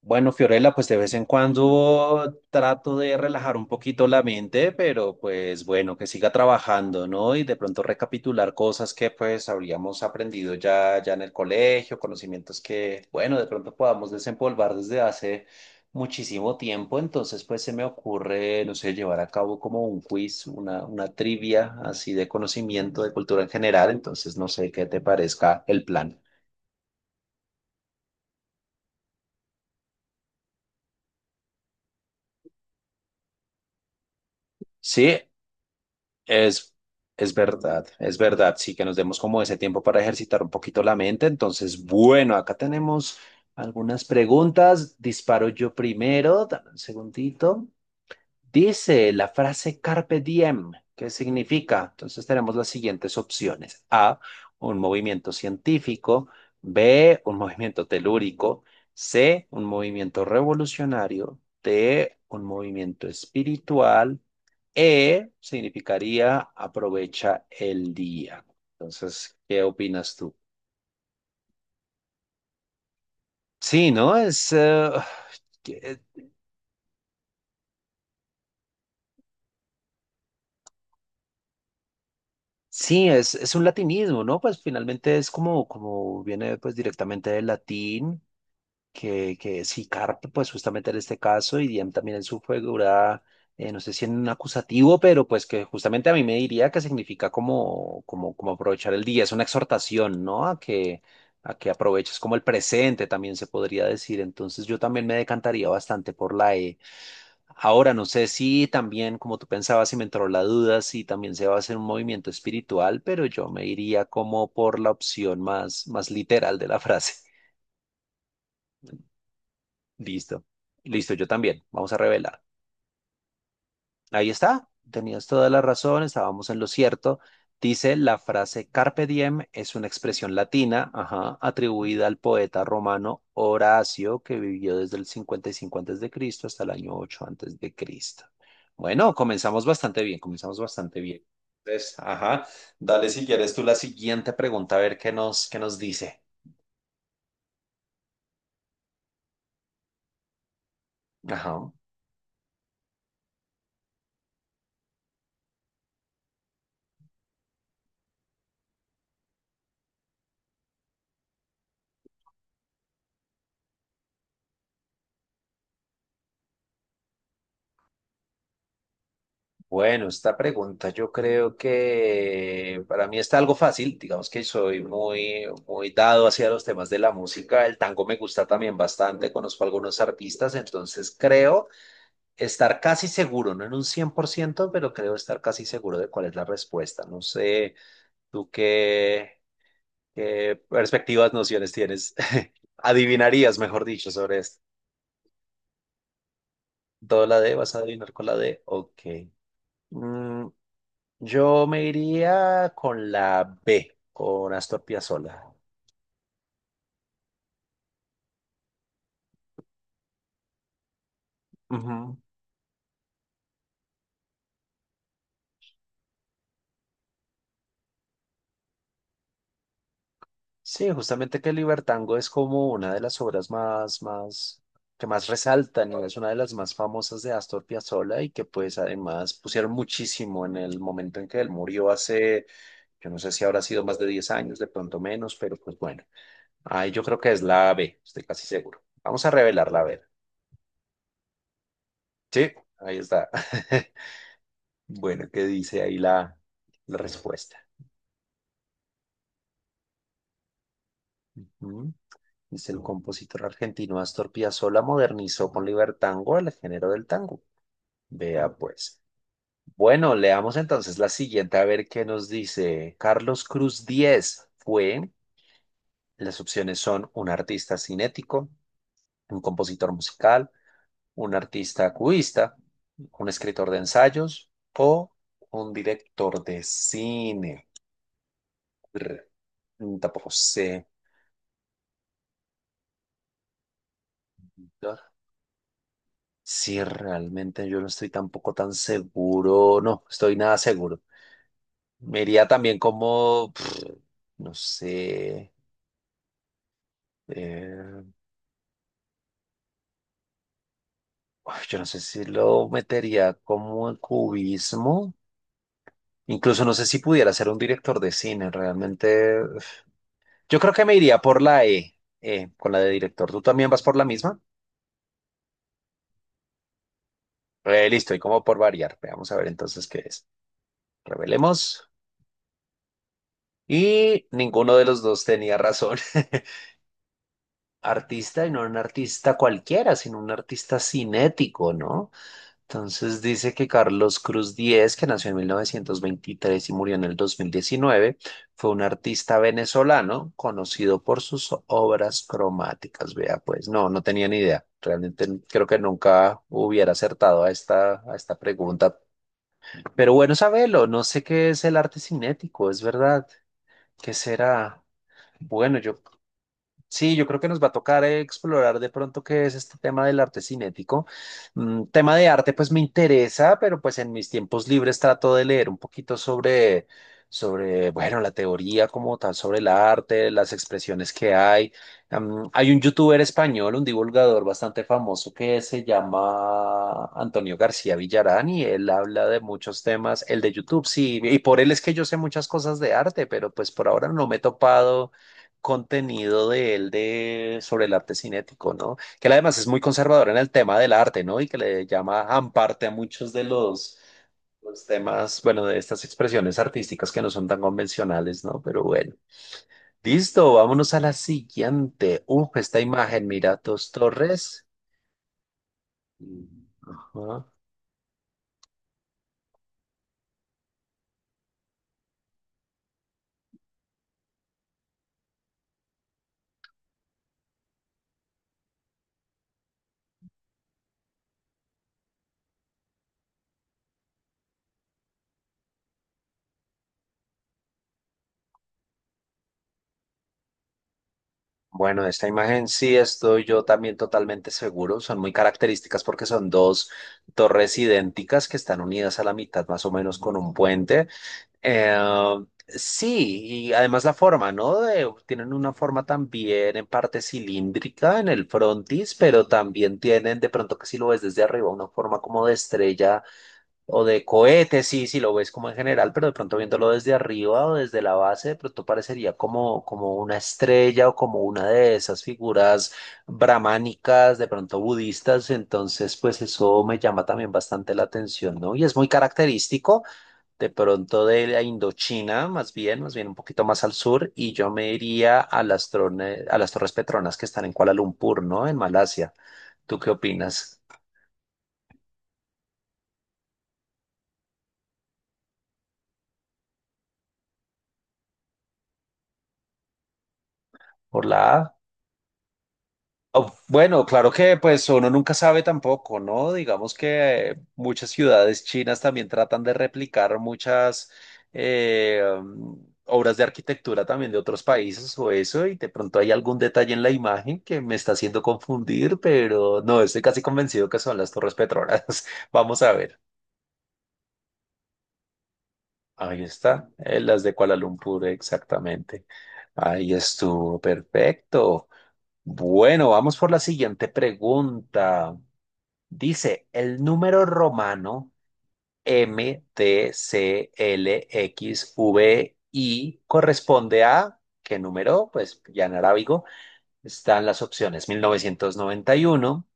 Bueno, Fiorella, pues de vez en cuando trato de relajar un poquito la mente, pero pues bueno, que siga trabajando, ¿no? Y de pronto recapitular cosas que pues habríamos aprendido ya, ya en el colegio, conocimientos que, bueno, de pronto podamos desempolvar desde hace muchísimo tiempo. Entonces, pues se me ocurre, no sé, llevar a cabo como un quiz, una trivia así de conocimiento de cultura en general. Entonces, no sé qué te parezca el plan. Sí. Es, es verdad, es verdad, sí, que nos demos como ese tiempo para ejercitar un poquito la mente. Entonces, bueno, acá tenemos algunas preguntas. Disparo yo primero, dame un segundito. Dice la frase carpe diem, ¿qué significa? Entonces tenemos las siguientes opciones. A, un movimiento científico. B, un movimiento telúrico. C, un movimiento revolucionario. D, un movimiento espiritual. E, significaría aprovecha el día. Entonces, ¿qué opinas tú? Sí, ¿no? Es, sí, es un latinismo, ¿no? Pues finalmente es como, como viene pues directamente del latín, que sí, carpe, pues justamente en este caso, y diem también en su figura, no sé si en un acusativo, pero pues que justamente a mí me diría que significa como aprovechar el día, es una exhortación, ¿no? A que aproveches como el presente, también se podría decir. Entonces yo también me decantaría bastante por la E. Ahora, no sé si también, como tú pensabas, y me entró la duda, si también se va a hacer un movimiento espiritual, pero yo me iría como por la opción más literal de la frase. Listo. Listo, yo también. Vamos a revelar. Ahí está, tenías toda la razón, estábamos en lo cierto. Dice la frase carpe diem es una expresión latina, ajá, atribuida al poeta romano Horacio, que vivió desde el 55 antes de Cristo hasta el año 8 antes de Cristo. Bueno, comenzamos bastante bien, comenzamos bastante bien. Entonces, ajá, dale si quieres tú la siguiente pregunta a ver qué nos dice. Ajá. Bueno, esta pregunta yo creo que para mí está algo fácil, digamos que soy muy, muy dado hacia los temas de la música, el tango me gusta también bastante, conozco algunos artistas, entonces creo estar casi seguro, no en un 100%, pero creo estar casi seguro de cuál es la respuesta. No sé, tú qué perspectivas, nociones tienes, adivinarías, mejor dicho, sobre esto. ¿Todo la D? ¿Vas a adivinar con la D? Ok. Mm, Yo me iría con la B, con Astor Piazzolla. Ujú. Sí, justamente que el Libertango es como una de las obras que más resaltan y es una de las más famosas de Astor Piazzolla y que pues además pusieron muchísimo en el momento en que él murió hace, yo no sé si habrá sido más de 10 años, de pronto menos, pero pues bueno, ahí yo creo que es la B, estoy casi seguro. Vamos a revelarla, a ver. Sí, ahí está. Bueno, ¿qué dice ahí la respuesta? Ujú. Dice el compositor argentino Astor Piazzolla modernizó con libertango el género del tango. Vea pues. Bueno, leamos entonces la siguiente a ver qué nos dice. Carlos Cruz Díez fue, las opciones son un artista cinético, un compositor musical, un artista cubista, un escritor de ensayos o un director de cine. Brr, Tampoco sé. Sí, realmente yo no estoy tampoco tan seguro, no, estoy nada seguro. Me iría también como, no sé, eh, ay, yo no sé si lo metería como en cubismo, incluso no sé si pudiera ser un director de cine, realmente. Yo creo que me iría por la E, con la de director. ¿Tú también vas por la misma? Listo, y como por variar, veamos a ver entonces qué es. Revelemos. Y ninguno de los dos tenía razón. Artista y no un artista cualquiera, sino un artista cinético, ¿no? Entonces dice que Carlos Cruz Diez, que nació en 1923 y murió en el 2019, fue un artista venezolano conocido por sus obras cromáticas. Vea, pues no, no tenía ni idea. Realmente creo que nunca hubiera acertado a esta pregunta. Pero bueno, sabelo, no sé qué es el arte cinético, es verdad. ¿Qué será? Bueno, yo, sí, yo creo que nos va a tocar explorar de pronto qué es este tema del arte cinético. Tema de arte, pues me interesa, pero pues en mis tiempos libres trato de leer un poquito sobre, bueno, la teoría como tal, sobre el arte, las expresiones que hay. Hay un youtuber español, un divulgador bastante famoso que se llama Antonio García Villarán y él habla de muchos temas, el de YouTube, sí, y por él es que yo sé muchas cosas de arte, pero pues por ahora no me he topado contenido de él sobre el arte cinético, ¿no? Que él además es muy conservador en el tema del arte, ¿no? Y que le llama amparte a muchos de los temas, bueno, de estas expresiones artísticas que no son tan convencionales, ¿no? Pero bueno. Listo, vámonos a la siguiente. Uf, esta imagen, mira, dos torres. Ajá. Bueno, esta imagen sí estoy yo también totalmente seguro. Son muy características porque son dos torres idénticas que están unidas a la mitad más o menos con un puente. Eh, sí, y además la forma, ¿no? Tienen una forma también en parte cilíndrica en el frontis, pero también tienen de pronto que si lo ves desde arriba, una forma como de estrella o de cohete, sí, si lo ves como en general, pero de pronto viéndolo desde arriba o desde la base, de pronto parecería como, como una estrella o como una de esas figuras brahmánicas, de pronto budistas, entonces pues eso me llama también bastante la atención, ¿no? Y es muy característico de pronto de la Indochina, más bien un poquito más al sur, y yo me iría a a las Torres Petronas que están en Kuala Lumpur, ¿no? En Malasia. ¿Tú qué opinas? ¿Por la A? Oh, bueno, claro que pues uno nunca sabe tampoco, ¿no? Digamos que muchas ciudades chinas también tratan de replicar muchas obras de arquitectura también de otros países o eso, y de pronto hay algún detalle en la imagen que me está haciendo confundir, pero no, estoy casi convencido que son las Torres Petronas. Vamos a ver. Ahí está, las de Kuala Lumpur, exactamente. Ahí estuvo, perfecto. Bueno, vamos por la siguiente pregunta. Dice, el número romano MTCLXVI corresponde a, ¿qué número? Pues ya en arábigo están las opciones. 1991,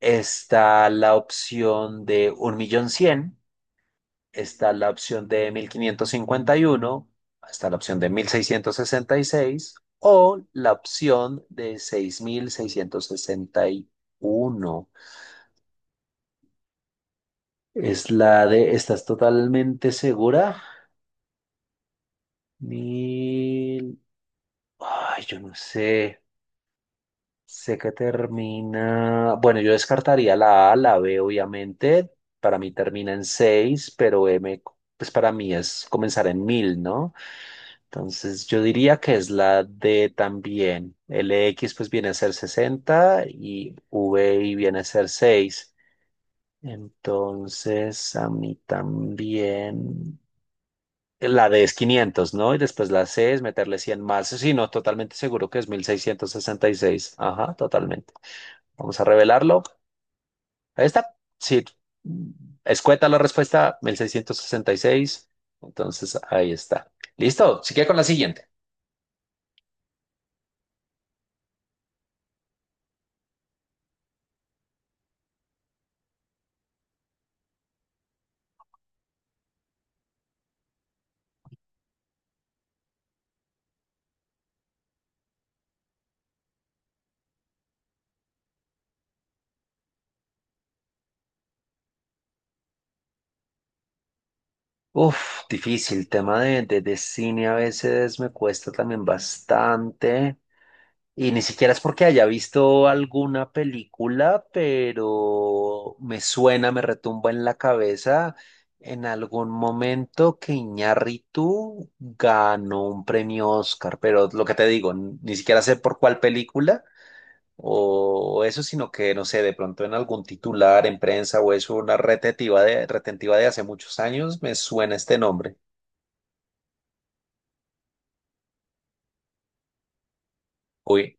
está la opción de un millón cien, está la opción de 1551, está la opción de 1666, o la opción de 6661. Es la de, ¿estás totalmente segura? Mil. Ay, yo no sé. Sé que termina. Bueno, yo descartaría la A, la B, obviamente. Para mí termina en 6 pero M, pues para mí es comenzar en mil, ¿no? Entonces yo diría que es la D también. X pues viene a ser 60 y VI viene a ser seis. Entonces a mí también. La D es 500, ¿no? Y después la C es meterle 100 más. Sí, no, totalmente seguro que es 1666. Ajá, totalmente. Vamos a revelarlo. Ahí está. Sí, escueta la respuesta, 1666. Entonces, ahí está. Listo, sigue con la siguiente. Uf, difícil. Tema de, cine a veces me cuesta también bastante. Y ni siquiera es porque haya visto alguna película, pero me suena, me retumba en la cabeza en algún momento que Iñárritu ganó un premio Oscar, pero lo que te digo, ni siquiera sé por cuál película o eso, sino que no sé, de pronto en algún titular, en prensa o eso, una retentiva de hace muchos años, me suena este nombre. Uy,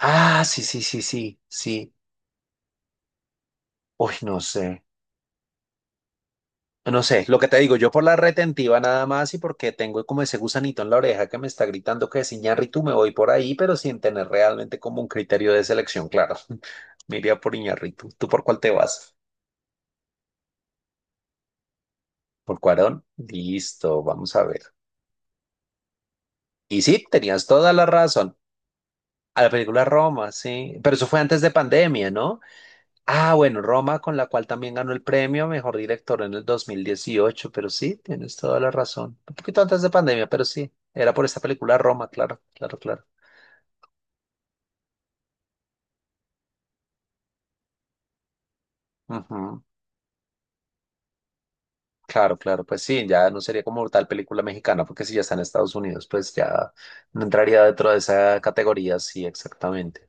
ah, sí, sí, sí, sí, sí. Uy, no sé. No sé, lo que te digo, yo por la retentiva nada más y porque tengo como ese gusanito en la oreja que me está gritando que es Iñárritu, me voy por ahí, pero sin tener realmente como un criterio de selección claro. Me iría por Iñárritu. ¿Tú por cuál te vas? ¿Por Cuarón? Listo, vamos a ver. Y sí, tenías toda la razón. A la película Roma, sí. Pero eso fue antes de pandemia, ¿no? Ah, bueno, Roma, con la cual también ganó el premio a Mejor Director en el 2018, pero sí, tienes toda la razón. Un poquito antes de pandemia, pero sí, era por esta película Roma, claro, claro, claro. Ujú. Claro, claro, pues sí, ya no sería como tal película mexicana, porque si ya está en Estados Unidos, pues ya no entraría dentro de esa categoría, sí, exactamente.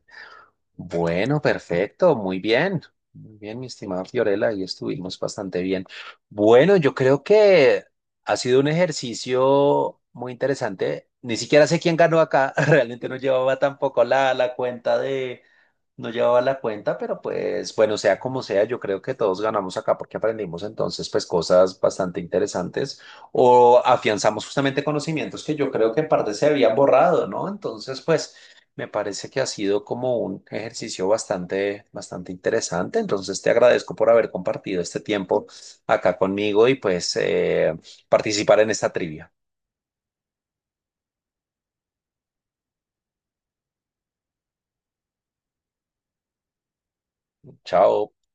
Bueno, perfecto, muy bien. Muy bien, mi estimada Fiorella, ahí estuvimos bastante bien. Bueno, yo creo que ha sido un ejercicio muy interesante. Ni siquiera sé quién ganó acá, realmente no llevaba tampoco la cuenta no llevaba la cuenta, pero pues bueno, sea como sea, yo creo que todos ganamos acá porque aprendimos entonces pues cosas bastante interesantes o afianzamos justamente conocimientos que yo creo que en parte se habían borrado, ¿no? Entonces, pues. Me parece que ha sido como un ejercicio bastante, bastante interesante. Entonces, te agradezco por haber compartido este tiempo acá conmigo y pues participar en esta trivia. Chao.